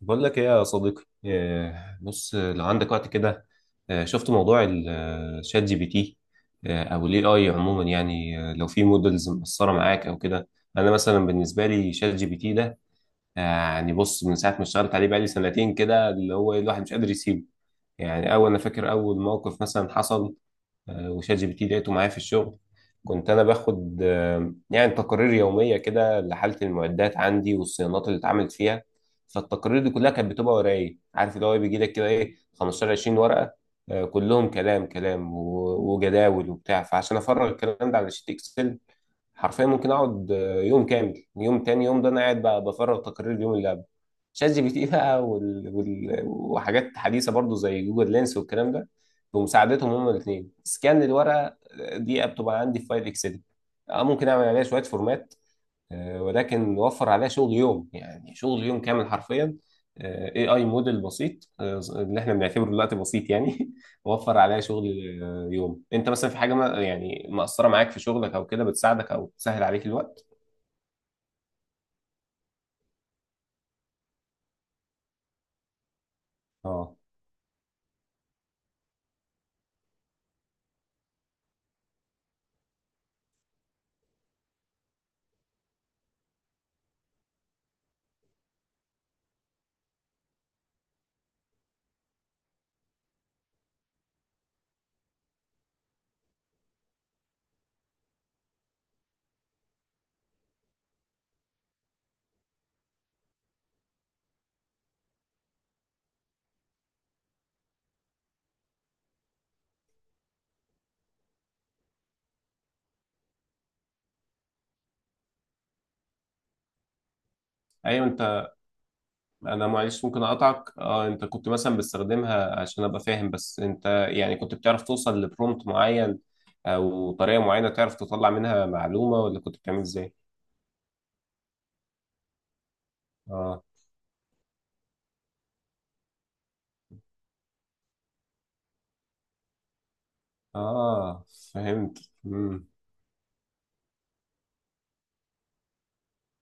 بقول لك ايه يا صديقي إيه، بص لو عندك وقت كده. شفت موضوع الشات جي بي تي؟ او الاي اي عموما يعني، لو في مودلز مقصره معاك او كده. انا مثلا بالنسبه لي شات جي بي تي ده، يعني بص، من ساعه ما اشتغلت عليه بقالي سنتين كده، اللي هو الواحد مش قادر يسيبه. يعني اول، انا فاكر اول موقف مثلا حصل، وشات جي بي تي لقيته معايا في الشغل. كنت انا باخد يعني تقارير يوميه كده لحاله المعدات عندي والصيانات اللي اتعملت فيها. فالتقارير دي كلها كانت بتبقى ورايا إيه؟ عارف اللي هو إيه؟ بيجي لك كده ايه 15 20 ورقه، كلهم كلام كلام وجداول وبتاع، فعشان افرغ الكلام ده على شيت اكسل حرفيا ممكن اقعد يوم كامل، يوم تاني، يوم، ده انا قاعد بقى بفرغ تقارير اليوم اللي قبل. شات جي بي تي بقى وحاجات حديثه برضو زي جوجل لينس والكلام ده، بمساعدتهم هما الاثنين سكان الورقه دي بتبقى عندي في فايل اكسل. اه، ممكن اعمل عليها شويه فورمات، ولكن وفر عليها شغل يوم، يعني شغل يوم كامل حرفيا. اي اي موديل بسيط اللي احنا بنعتبره دلوقتي بسيط يعني وفر عليها شغل يوم. انت مثلا في حاجه ما، يعني مأثره معاك في شغلك او كده، بتساعدك او بتسهل عليك الوقت. اه، ايوه. انا معلش ممكن اقطعك، اه، انت كنت مثلا بتستخدمها، عشان ابقى فاهم بس، انت يعني كنت بتعرف توصل لبرومت معين او طريقة معينة تعرف تطلع منها معلومة، ولا كنت بتعمل ازاي؟ اه، اه، فهمت. امم،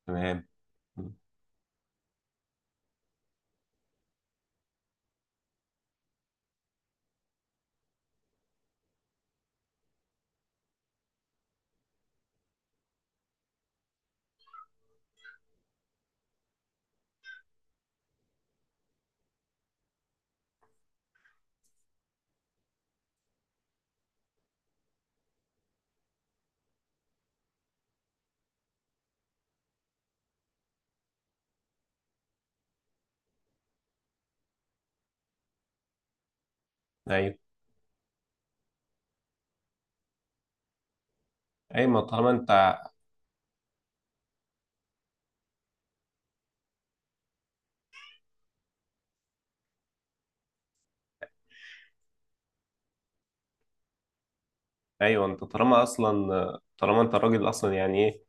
تمام. مم. ايوه، ايوه، ما طالما انت. ايوه. انت طالما اصلا، طالما انت راجل اصلا يعني ايه،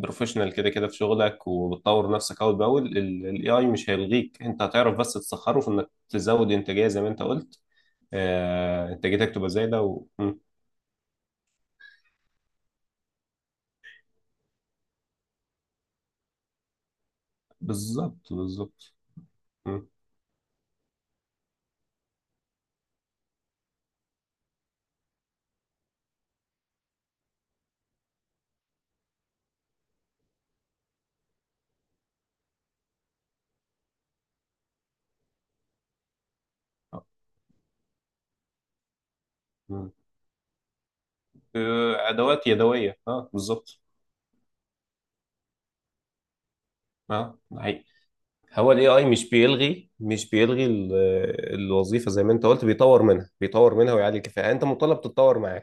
بروفيشنال كده كده في شغلك وبتطور نفسك اول باول، الاي اي مش هيلغيك، انت هتعرف بس تسخره في انك تزود انتاجيه زي ما انت قلت. انتاجيتك تبقى زايده و... مم. بالظبط بالظبط. مم. مم. ادوات يدويه، اه بالظبط. اه، ده حقيقي. هو الاي اي مش بيلغي، مش بيلغي ال- الوظيفه، زي ما انت قلت، بيطور منها، بيطور منها ويعلي الكفاءه، انت مطالب تتطور معاه.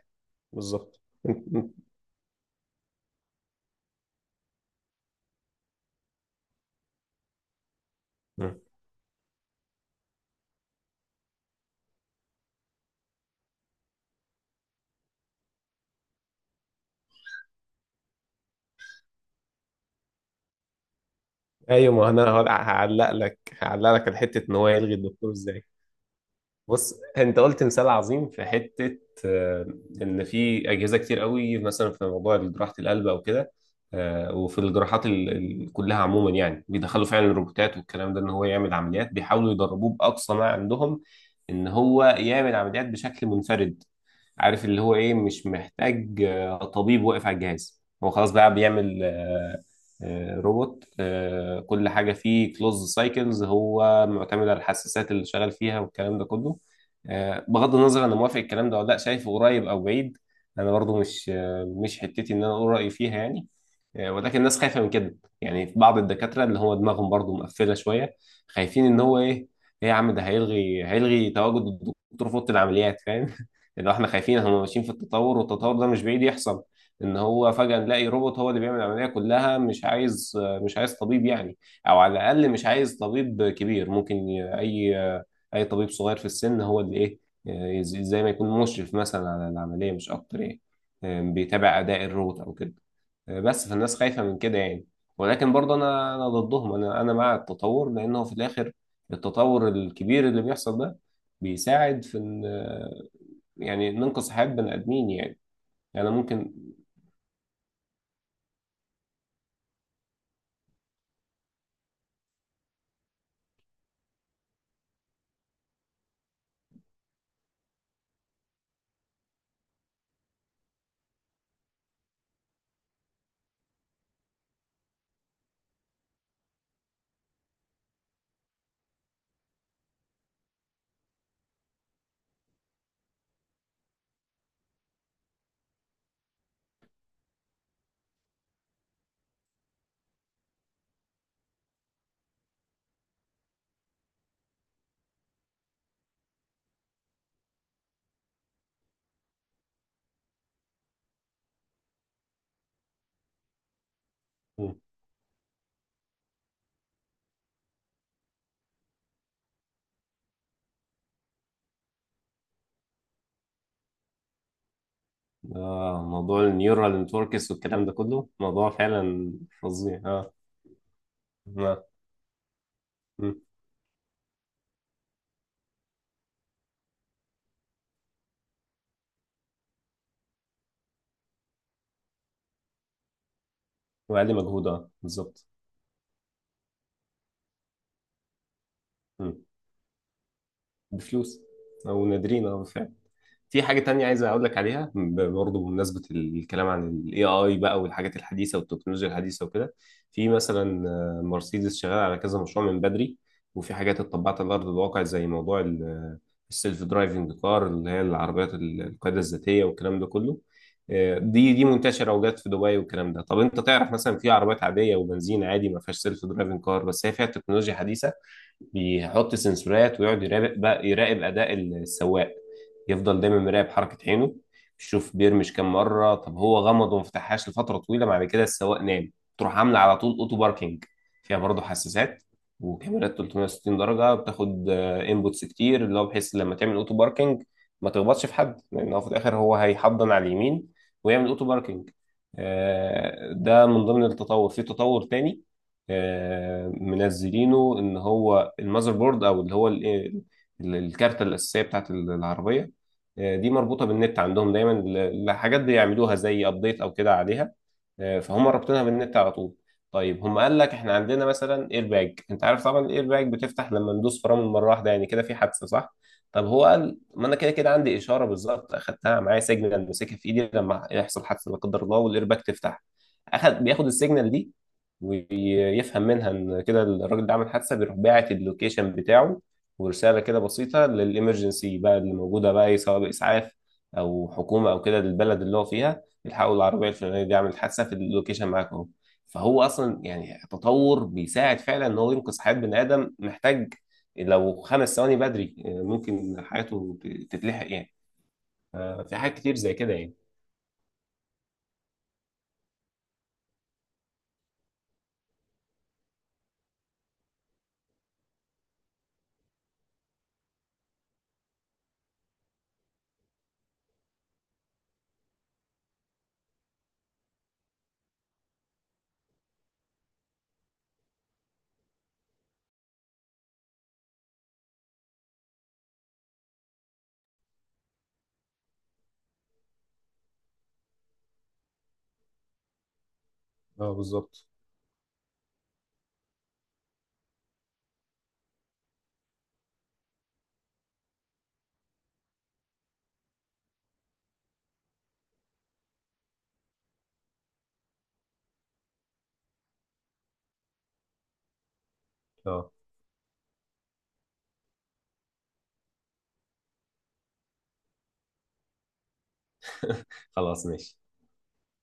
بالظبط مم. ايوه، ما انا هقول- هعلق لك، هعلق لك على حته ان هو يلغي الدكتور ازاي. بص، انت قلت مثال عظيم في حته، آه، ان في اجهزه كتير قوي مثلا في موضوع جراحه القلب او كده، وفي الجراحات كلها عموما، يعني بيدخلوا فعلا الروبوتات والكلام ده، ان هو يعمل عمليات، بيحاولوا يدربوه باقصى ما عندهم ان هو يعمل عمليات بشكل منفرد، عارف اللي هو ايه، مش محتاج طبيب واقف على الجهاز، هو خلاص بقى بيعمل روبوت، كل حاجة فيه كلوز سايكلز، هو معتمد على الحساسات اللي شغال فيها والكلام ده كله. بغض النظر انا موافق الكلام ده ولا لا، شايفه قريب او بعيد، انا برضو مش مش حتتي ان انا اقول رأيي فيها يعني. ولكن الناس خايفه من كده، يعني في بعض الدكاتره اللي هو دماغهم برضو مقفله شويه، خايفين ان هو ايه، ايه يا عم، ده هيلغي، هيلغي تواجد الدكتور في اوضه العمليات، فاهم اللي هو احنا خايفين هم ماشيين في التطور، والتطور ده مش بعيد يحصل ان هو فجاه نلاقي روبوت هو اللي بيعمل العمليه كلها، مش عايز، مش عايز طبيب يعني، او على الاقل مش عايز طبيب كبير، ممكن اي طبيب صغير في السن هو اللي ايه، زي ما يكون مشرف مثلا على العمليه مش اكتر يعني، بيتابع اداء الروبوت او كده. بس فالناس خايفة من كده يعني. ولكن برضه أنا ضدهم، أنا مع التطور، لأنه في الآخر التطور الكبير اللي بيحصل ده بيساعد في إن، يعني ننقذ حياة بني آدمين يعني. يعني أنا ممكن. آه، موضوع النيورال نتوركس والكلام ده كله موضوع فعلا فظيع. آه. آه. مم. وأقل مجهود، آه بالظبط. مم. بفلوس. أو نادرين، آه بالفعل. في حاجة تانية عايز أقول لك عليها، برضه بمناسبة الكلام عن ال AI بقى، والحاجات الحديثة والتكنولوجيا الحديثة وكده. في مثلا مرسيدس شغال على كذا مشروع من بدري، وفي حاجات اتطبقت على أرض الواقع زي موضوع ال- السيلف درايفنج كار، اللي هي العربيات ال- القيادة الذاتية والكلام ده كله. دي منتشرة وجات في دبي والكلام ده. طب أنت تعرف، مثلا في عربيات عادية وبنزين عادي، ما فيهاش سيلف درايفنج كار، بس هي فيها تكنولوجيا حديثة. بيحط سنسورات ويقعد يراقب، بقى يراقب أداء السواق، يفضل دايما مراقب حركة عينه، يشوف بيرمش كام مرة. طب هو غمض وما فتحهاش لفترة طويلة، بعد كده السواق نام، تروح عاملة على طول اوتو باركينج. فيها برضه حساسات وكاميرات 360 درجة، بتاخد انبوتس كتير، اللي هو بحيث لما تعمل اوتو باركينج ما تخبطش في حد، لأن هو في الآخر هو هيحضن على اليمين ويعمل اوتو باركينج. ده من ضمن التطور. في تطور تاني منزلينه ان هو المذر بورد، او اللي هو ال- ال- الكارتة الأساسية بتاعت العربية، دي مربوطه بالنت عندهم دايما، لحاجات بيعملوها زي ابديت او كده عليها. فهم رابطينها بالنت على طول. طيب هم قال لك احنا عندنا مثلا اير باج، انت عارف طبعا الاير باج بتفتح لما ندوس فرامل مره واحده يعني كده في حادثه، صح؟ طب هو قال ما انا كده كده عندي اشاره بالظبط اخدتها معايا، سيجنال ماسكها في ايدي، لما يحصل حادثه لا قدر الله والاير باج تفتح، اخد بياخد السيجنال دي ويفهم منها ان كده الراجل ده عمل حادثه، بيروح باعت اللوكيشن بتاعه ورساله كده بسيطه للامرجنسي بقى اللي موجوده بقى ايه، سواء باسعاف او حكومه او كده للبلد اللي هو فيها، الحقوا العربيه الفلانيه دي عملت حادثه في اللوكيشن معاكم اهو. فهو اصلا يعني تطور بيساعد فعلا ان هو ينقذ حياه بني ادم، محتاج لو خمس ثواني بدري ممكن حياته تتلحق يعني. في حاجات كتير زي كده يعني. اه بالظبط. اه خلاص ماشي.